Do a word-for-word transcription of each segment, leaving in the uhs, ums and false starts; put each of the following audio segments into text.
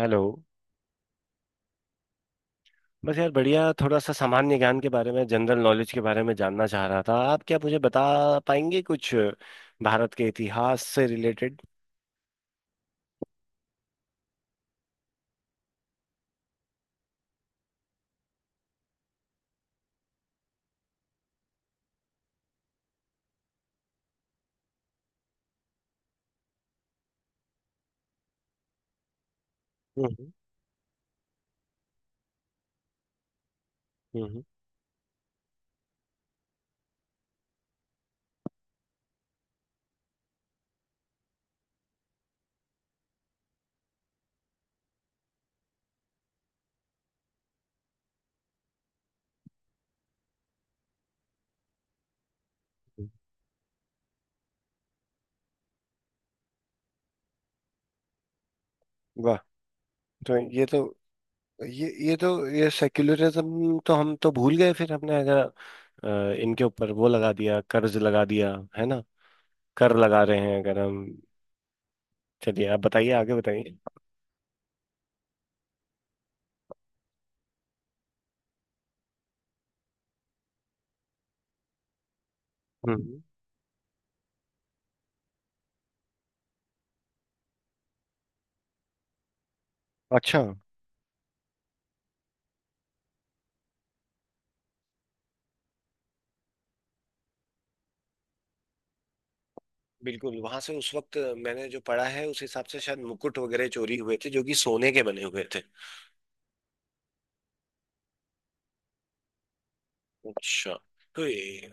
Hello. बस यार बढ़िया, थोड़ा सा सामान्य ज्ञान के बारे में, जनरल नॉलेज के बारे में जानना चाह रहा था। आप क्या मुझे बता पाएंगे कुछ भारत के इतिहास से रिलेटेड? हम्म। हम्म। हम्म। वाह। तो ये तो ये ये तो ये सेक्युलरिज्म तो हम तो भूल गए फिर। हमने अगर अ, इनके ऊपर वो लगा दिया, कर्ज लगा दिया है ना, कर लगा रहे हैं अगर हम। चलिए, आप बताइए, आगे बताइए। हम्म। अच्छा। बिल्कुल। वहां से उस वक्त मैंने जो पढ़ा है उस हिसाब से शायद मुकुट वगैरह चोरी हुए थे जो कि सोने के बने हुए थे। अच्छा। तो ये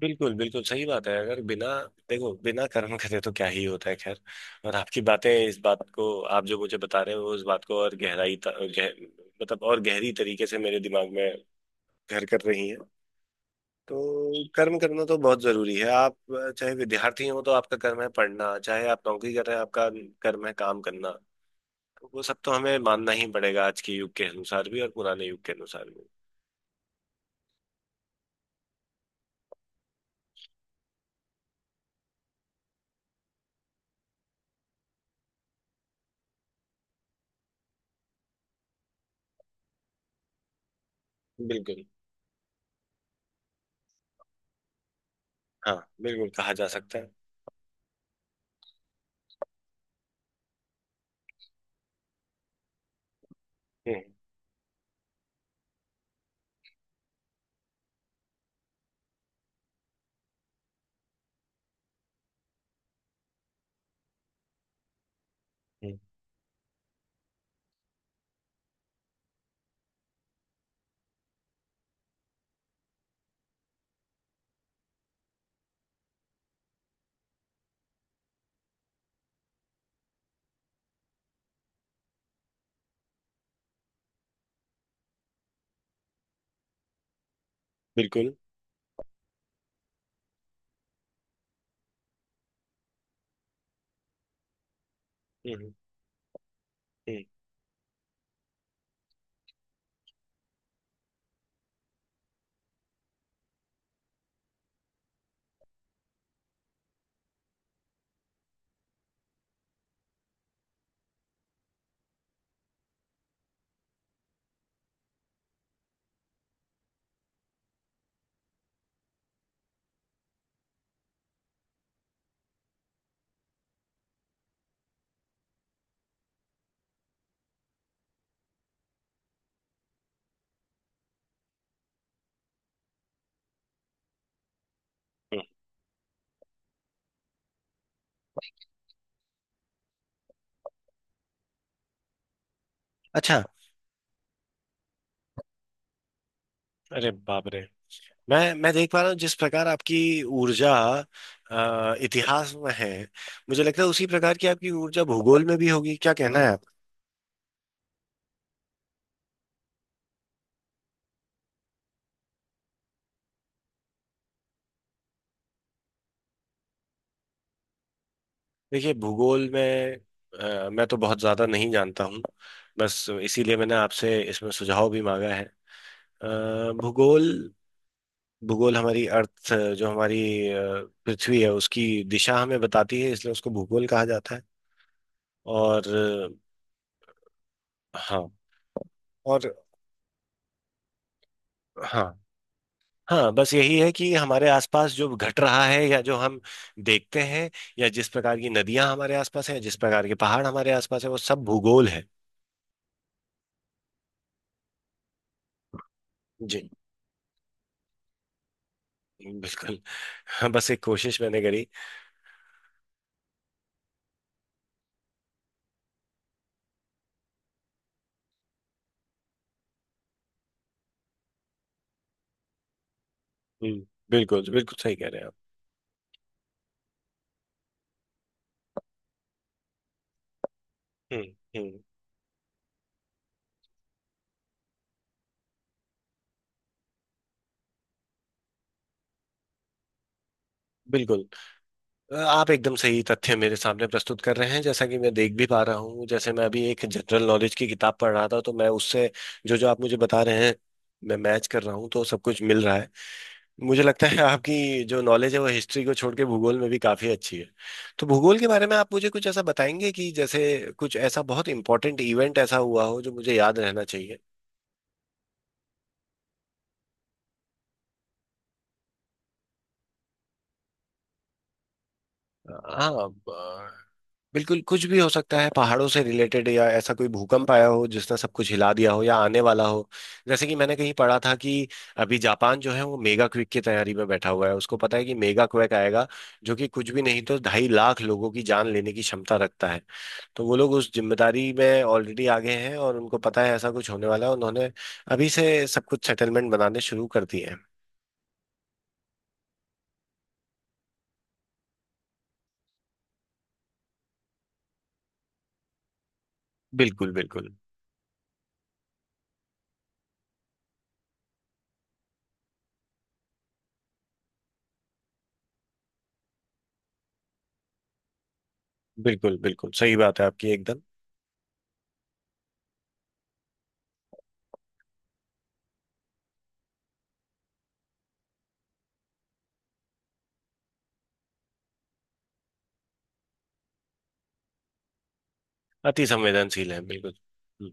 बिल्कुल, बिल्कुल सही बात है। अगर बिना देखो बिना कर्म करे तो क्या ही होता है। खैर। और आपकी बातें इस बात को आप जो मुझे बता रहे हो वो इस बात को और गहराई त- गह, मतलब और गहरी तरीके से मेरे दिमाग में घर कर रही हैं। तो कर्म करना तो बहुत जरूरी है। आप अ, चाहे विद्यार्थी हो तो आपका कर्म है पढ़ना, चाहे आप नौकरी कर रहे हैं आपका कर्म है काम करना। तो वो सब तो हमें मानना ही पड़ेगा, आज के युग के अनुसार भी और पुराने युग के अनुसार भी। बिल्कुल। हाँ, बिल्कुल कहा जा सकता है। हम्म। हम्म। बिल्कुल। हम्म। हम्म। हम्म। अच्छा। अरे बाप रे! मैं मैं देख पा रहा हूँ जिस प्रकार आपकी ऊर्जा अ, इतिहास में है, मुझे लगता है उसी प्रकार की आपकी ऊर्जा भूगोल में भी होगी। क्या कहना है आप? देखिए, भूगोल में अ, मैं तो बहुत ज्यादा नहीं जानता हूँ। बस इसीलिए मैंने आपसे इसमें सुझाव भी मांगा है। अ, भूगोल भूगोल हमारी अर्थ, जो हमारी अ, पृथ्वी है, उसकी दिशा हमें बताती है, इसलिए उसको भूगोल कहा जाता है। और अ, हाँ। और हाँ, हाँ, बस यही है कि हमारे आसपास जो घट रहा है या जो हम देखते हैं, या जिस प्रकार की नदियां हमारे आसपास हैं, जिस प्रकार के पहाड़ हमारे आसपास है, वो सब भूगोल है। जी। बिल्कुल। हाँ, बस एक कोशिश मैंने करी। हम्म। बिल्कुल, बिल्कुल सही कह रहे हैं आप। हम्म। हम्म। बिल्कुल। आप एकदम सही तथ्य मेरे सामने प्रस्तुत कर रहे हैं, जैसा कि मैं देख भी पा रहा हूँ। जैसे मैं अभी एक जनरल नॉलेज की किताब पढ़ रहा था, तो मैं उससे जो जो आप मुझे बता रहे हैं मैं मैच कर रहा हूँ, तो सब कुछ मिल रहा है। मुझे लगता है आपकी जो नॉलेज है वो हिस्ट्री को छोड़ के भूगोल में भी काफ़ी अच्छी है। तो भूगोल के बारे में आप मुझे कुछ ऐसा बताएंगे कि जैसे कुछ ऐसा बहुत इंपॉर्टेंट इवेंट ऐसा हुआ हो जो मुझे याद रहना चाहिए? हाँ, बिल्कुल कुछ भी हो सकता है, पहाड़ों से रिलेटेड, या ऐसा कोई भूकंप आया हो जिसने सब कुछ हिला दिया हो या आने वाला हो। जैसे कि मैंने कहीं पढ़ा था कि अभी जापान जो है वो मेगा क्विक की तैयारी में बैठा हुआ है, उसको पता है कि मेगा क्वेक आएगा, जो कि कुछ भी नहीं तो ढाई लाख लोगों की जान लेने की क्षमता रखता है। तो वो लोग उस जिम्मेदारी में ऑलरेडी आगे हैं और उनको पता है ऐसा कुछ होने वाला है, उन्होंने अभी से सब कुछ सेटलमेंट बनाने शुरू कर दिए हैं। बिल्कुल। बिल्कुल, बिल्कुल, बिल्कुल सही बात है आपकी, एकदम। अति संवेदनशील है, बिल्कुल। हम्म,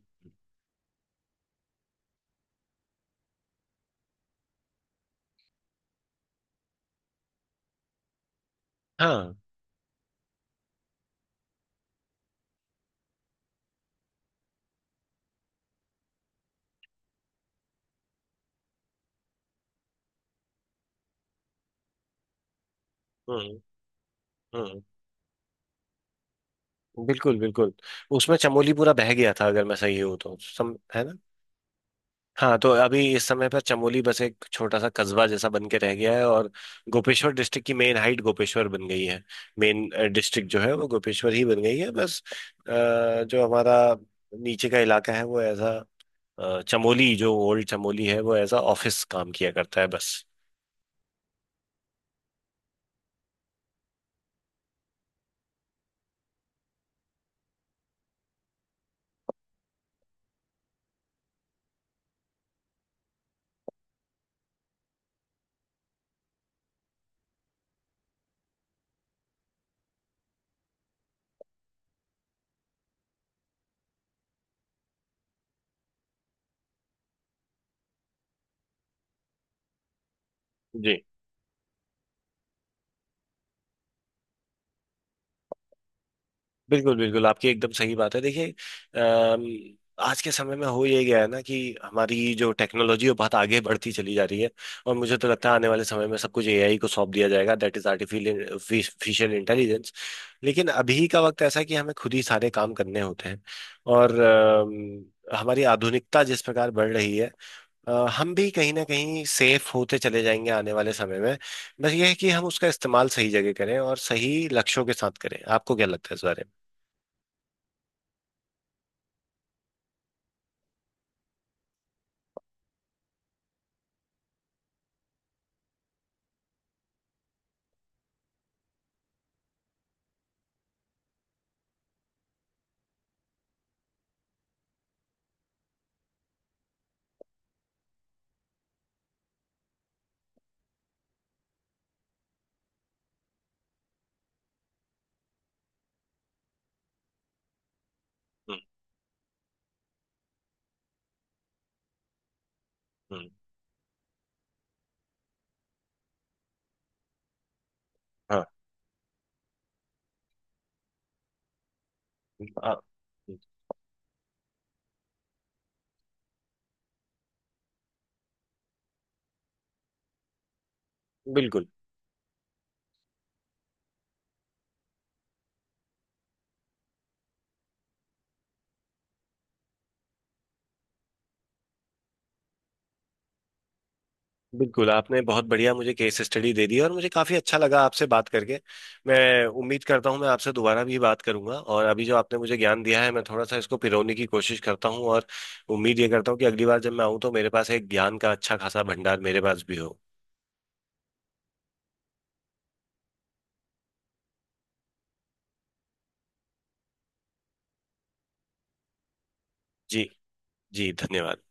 हाँ। हम्म। बिल्कुल। बिल्कुल उसमें चमोली पूरा बह गया था अगर मैं सही हूँ तो, सम है ना? हाँ, तो अभी इस समय पर चमोली बस एक छोटा सा कस्बा जैसा बन के रह गया है, और गोपेश्वर डिस्ट्रिक्ट की मेन हाइट गोपेश्वर बन गई है। मेन डिस्ट्रिक्ट जो है वो गोपेश्वर ही बन गई है बस। अ, जो हमारा नीचे का इलाका है वो ऐसा। अ, चमोली जो ओल्ड चमोली है वो ऐसा ऑफिस काम किया करता है बस। जी। बिल्कुल, बिल्कुल आपकी एकदम सही बात है। देखिए, अम, आज के समय में हो ये गया है ना, कि हमारी जो टेक्नोलॉजी है बहुत आगे बढ़ती चली जा रही है। और मुझे तो लगता है आने वाले समय में सब कुछ ए आई को सौंप दिया जाएगा, दैट इज आर्टिफिशियल इंटेलिजेंस। लेकिन अभी का वक्त ऐसा है कि हमें खुद ही सारे काम करने होते हैं। और अम, हमारी आधुनिकता जिस प्रकार बढ़ रही है, अ, हम भी कहीं ना कहीं सेफ होते चले जाएंगे आने वाले समय में। बस ये है कि हम उसका इस्तेमाल सही जगह करें और सही लक्ष्यों के साथ करें। आपको क्या लगता है इस बारे में? हम्म, हाँ। आ- बिल्कुल, बिल्कुल आपने बहुत बढ़िया मुझे केस स्टडी दे दी और मुझे काफी अच्छा लगा आपसे बात करके। मैं उम्मीद करता हूँ मैं आपसे दोबारा भी बात करूंगा, और अभी जो आपने मुझे ज्ञान दिया है मैं थोड़ा सा इसको पिरोने की कोशिश करता हूँ, और उम्मीद ये करता हूँ कि अगली बार जब मैं आऊँ तो मेरे पास एक ज्ञान का अच्छा खासा भंडार मेरे पास भी हो। जी। जी, धन्यवाद।